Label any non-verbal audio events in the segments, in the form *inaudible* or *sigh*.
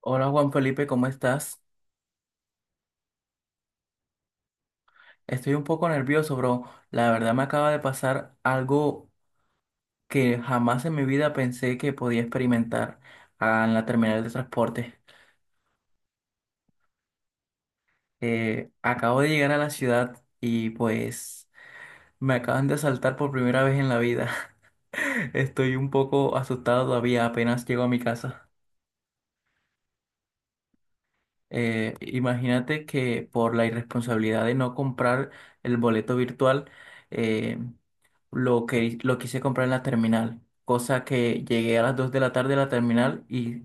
Hola Juan Felipe, ¿cómo estás? Estoy un poco nervioso, bro. La verdad me acaba de pasar algo que jamás en mi vida pensé que podía experimentar en la terminal de transporte. Acabo de llegar a la ciudad y pues me acaban de asaltar por primera vez en la vida. *laughs* Estoy un poco asustado todavía, apenas llego a mi casa. Imagínate que por la irresponsabilidad de no comprar el boleto virtual, eh, lo que lo quise comprar en la terminal, cosa que llegué a las 2 de la tarde a la terminal y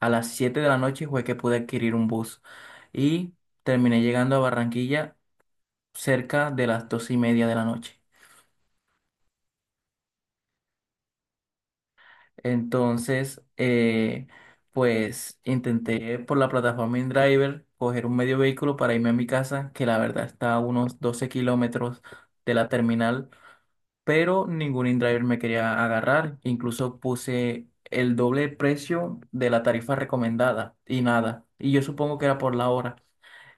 a las 7 de la noche fue que pude adquirir un bus y terminé llegando a Barranquilla cerca de las 2:30 de la noche. Entonces, pues intenté por la plataforma InDriver coger un medio vehículo para irme a mi casa, que la verdad está a unos 12 kilómetros de la terminal, pero ningún InDriver me quería agarrar. Incluso puse el doble precio de la tarifa recomendada y nada. Y yo supongo que era por la hora.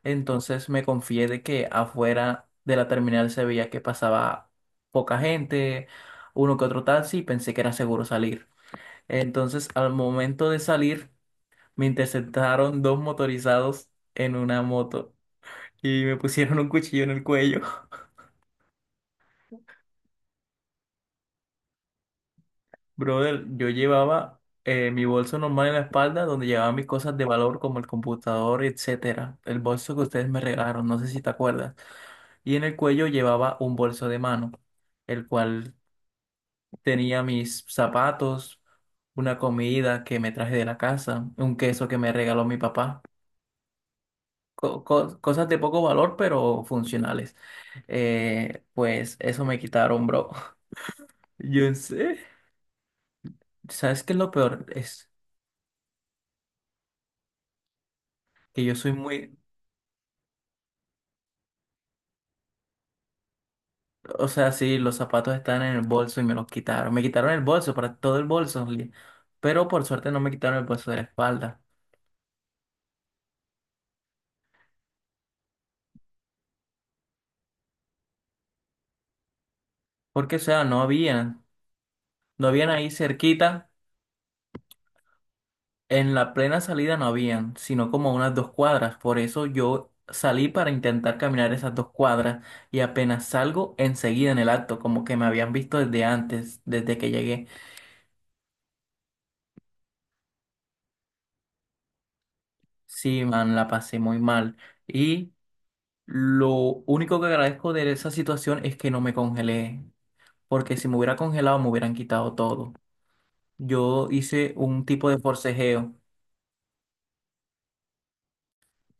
Entonces me confié de que afuera de la terminal se veía que pasaba poca gente, uno que otro taxi, y pensé que era seguro salir. Entonces, al momento de salir, me interceptaron dos motorizados en una moto y me pusieron un cuchillo en el cuello. *laughs* Brother, yo llevaba mi bolso normal en la espalda, donde llevaba mis cosas de valor como el computador, etcétera. El bolso que ustedes me regalaron, no sé si te acuerdas. Y en el cuello llevaba un bolso de mano, el cual tenía mis zapatos, una comida que me traje de la casa, un queso que me regaló mi papá. Cosas de poco valor, pero funcionales. Pues eso me quitaron, bro. *laughs* Yo sé. ¿Sabes qué es lo peor? Es que yo soy muy... O sea, sí, los zapatos están en el bolso y me los quitaron. Me quitaron el bolso, para todo el bolso. Pero por suerte no me quitaron el bolso de la espalda. Porque, o sea, no habían. No habían ahí cerquita. En la plena salida no habían, sino como a unas dos cuadras. Por eso yo salí para intentar caminar esas dos cuadras y apenas salgo enseguida en el acto, como que me habían visto desde antes, desde que llegué. Sí, man, la pasé muy mal. Y lo único que agradezco de esa situación es que no me congelé, porque si me hubiera congelado me hubieran quitado todo. Yo hice un tipo de forcejeo.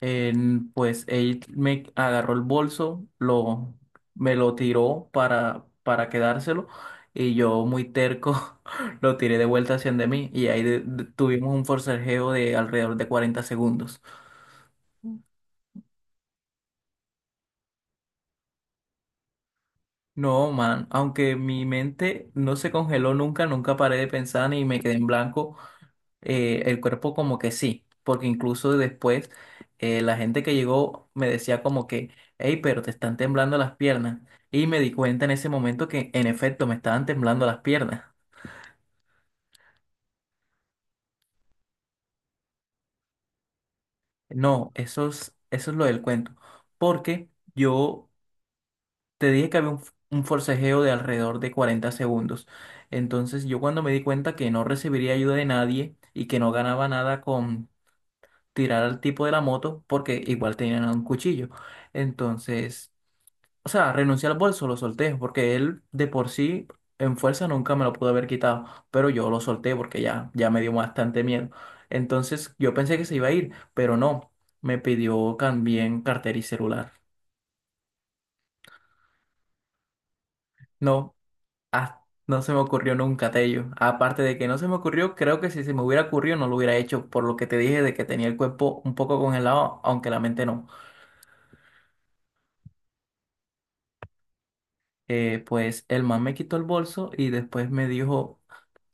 Pues él me agarró el bolso, lo, me lo tiró para quedárselo y yo muy terco *laughs* lo tiré de vuelta hacia de mí y ahí tuvimos un forcejeo de alrededor de 40 segundos. No, man, aunque mi mente no se congeló nunca, nunca paré de pensar ni me quedé en blanco. El cuerpo como que sí, porque incluso después la gente que llegó me decía como que, hey, pero te están temblando las piernas. Y me di cuenta en ese momento que en efecto me estaban temblando las piernas. No, eso es lo del cuento, porque yo te dije que había un forcejeo de alrededor de 40 segundos. Entonces yo cuando me di cuenta que no recibiría ayuda de nadie y que no ganaba nada con tirar al tipo de la moto, porque igual tenían un cuchillo. Entonces... O sea, renuncié al bolso, lo solté, porque él de por sí en fuerza nunca me lo pudo haber quitado, pero yo lo solté porque ya, ya me dio bastante miedo. Entonces yo pensé que se iba a ir, pero no, me pidió también cartera y celular. No, no se me ocurrió nunca, Tello. Aparte de que no se me ocurrió, creo que si se me hubiera ocurrido no lo hubiera hecho, por lo que te dije de que tenía el cuerpo un poco congelado, aunque la mente no. Pues el man me quitó el bolso y después me dijo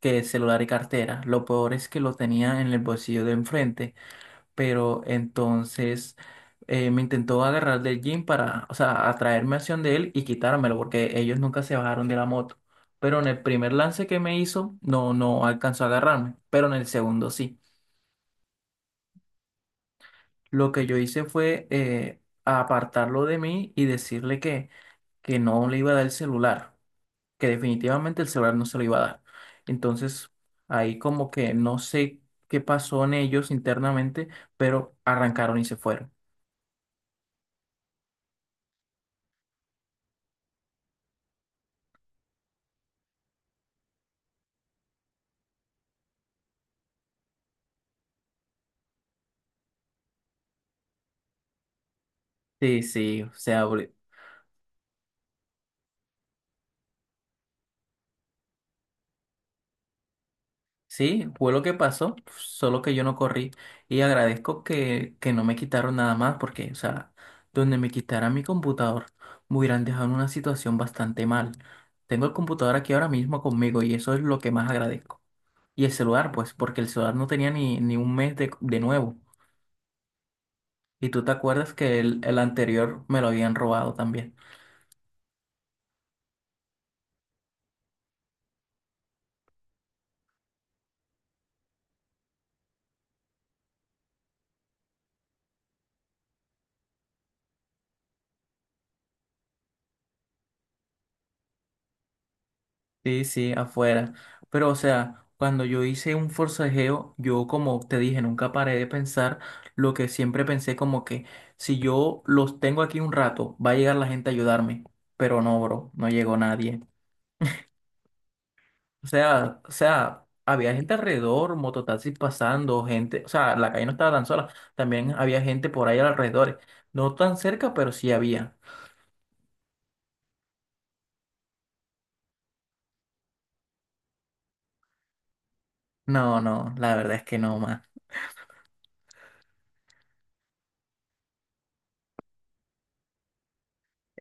que celular y cartera. Lo peor es que lo tenía en el bolsillo de enfrente, pero entonces me intentó agarrar del jean para, o sea, atraerme hacia donde él y quitármelo porque ellos nunca se bajaron de la moto. Pero en el primer lance que me hizo, no, no alcanzó a agarrarme, pero en el segundo sí. Lo que yo hice fue apartarlo de mí y decirle que no le iba a dar el celular. Que definitivamente el celular no se lo iba a dar. Entonces, ahí como que no sé qué pasó en ellos internamente, pero arrancaron y se fueron. Sí, sí, o sea, sí, fue lo que pasó, solo que yo no corrí y agradezco que no me quitaron nada más porque, o sea, donde me quitaran mi computador, me hubieran dejado en una situación bastante mal. Tengo el computador aquí ahora mismo conmigo y eso es lo que más agradezco. Y el celular, pues, porque el celular no tenía ni un mes de nuevo. Y tú te acuerdas que el anterior me lo habían robado también. Sí, sí, afuera. Pero o sea, cuando yo hice un forcejeo, yo como te dije, nunca paré de pensar lo que siempre pensé como que si yo los tengo aquí un rato, va a llegar la gente a ayudarme. Pero no, bro, no llegó nadie. O sea, había gente alrededor, mototaxis pasando, gente, o sea, la calle no estaba tan sola, también había gente por ahí alrededor. No tan cerca, pero sí había. No, no, la verdad es que no, más.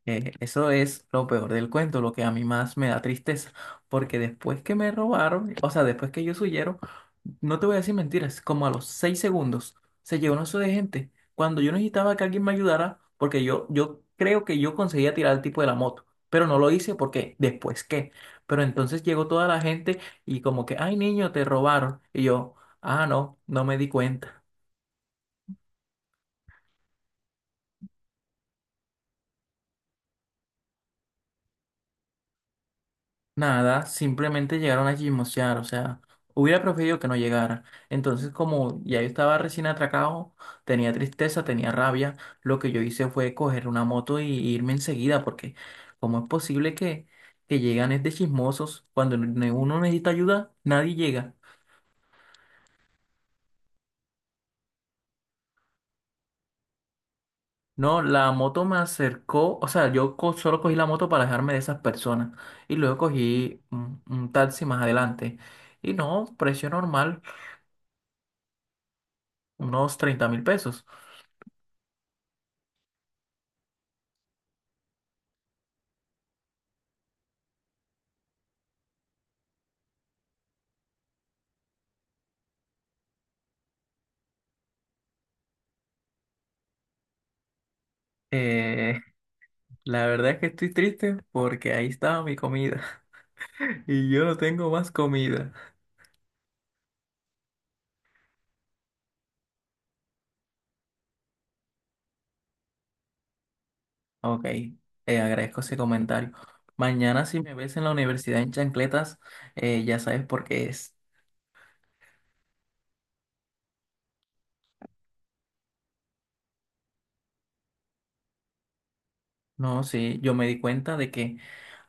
Eso es lo peor del cuento, lo que a mí más me da tristeza, porque después que me robaron, o sea, después que ellos huyeron, no te voy a decir mentiras, como a los 6 segundos se llegó un oso de gente, cuando yo necesitaba que alguien me ayudara, porque yo creo que yo conseguía tirar al tipo de la moto, pero no lo hice porque después qué, pero entonces llegó toda la gente y como que, ay niño, te robaron, y yo, ah, no, no me di cuenta. Nada, simplemente llegaron a chismosear, o sea, hubiera preferido que no llegara. Entonces, como ya yo estaba recién atracado, tenía tristeza, tenía rabia, lo que yo hice fue coger una moto y irme enseguida, porque ¿cómo es posible que llegan es de chismosos? Cuando uno necesita ayuda, nadie llega. No, la moto me acercó, o sea, yo solo cogí la moto para dejarme de esas personas y luego cogí un taxi más adelante. Y no, precio normal, unos 30.000 pesos. Eh, la verdad es que estoy triste porque ahí estaba mi comida *laughs* y yo no tengo más comida. Ok, agradezco ese comentario. Mañana si me ves en la universidad en chancletas, ya sabes por qué es. No, sí, yo me di cuenta de que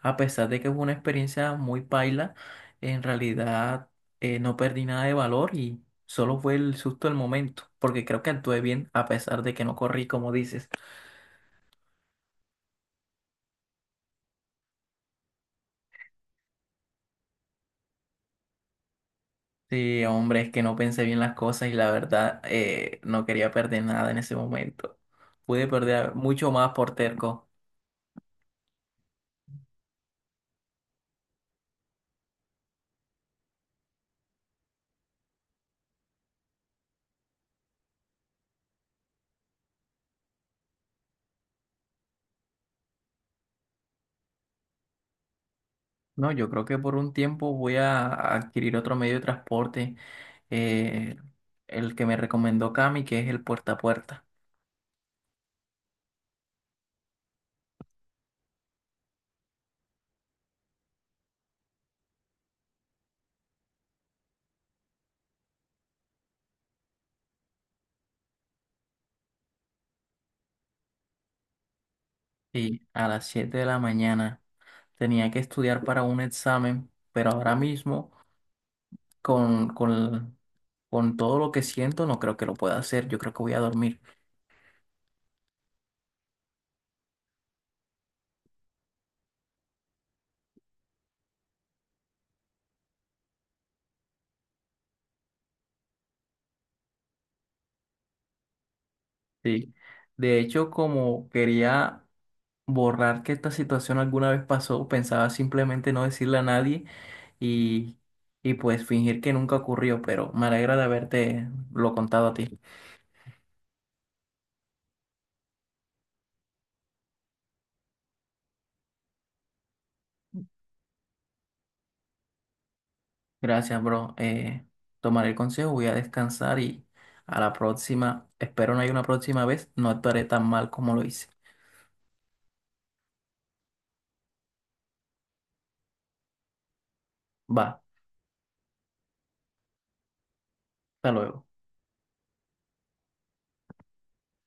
a pesar de que fue una experiencia muy paila, en realidad no perdí nada de valor y solo fue el susto del momento, porque creo que actué bien a pesar de que no corrí como dices. Sí, hombre, es que no pensé bien las cosas y la verdad no quería perder nada en ese momento. Pude perder mucho más por terco. No, yo creo que por un tiempo voy a adquirir otro medio de transporte, eh, el que me recomendó Cami, que es el puerta a puerta. Y a las 7 de la mañana tenía que estudiar para un examen, pero ahora mismo con, con, con todo lo que siento no creo que lo pueda hacer. Yo creo que voy a dormir. Sí. De hecho, como quería borrar que esta situación alguna vez pasó, pensaba simplemente no decirle a nadie y, y pues fingir que nunca ocurrió, pero me alegra de haberte lo contado a ti. Gracias, bro. Tomaré el consejo, voy a descansar y a la próxima, espero no haya una próxima vez, no actuaré tan mal como lo hice. Va, hasta luego.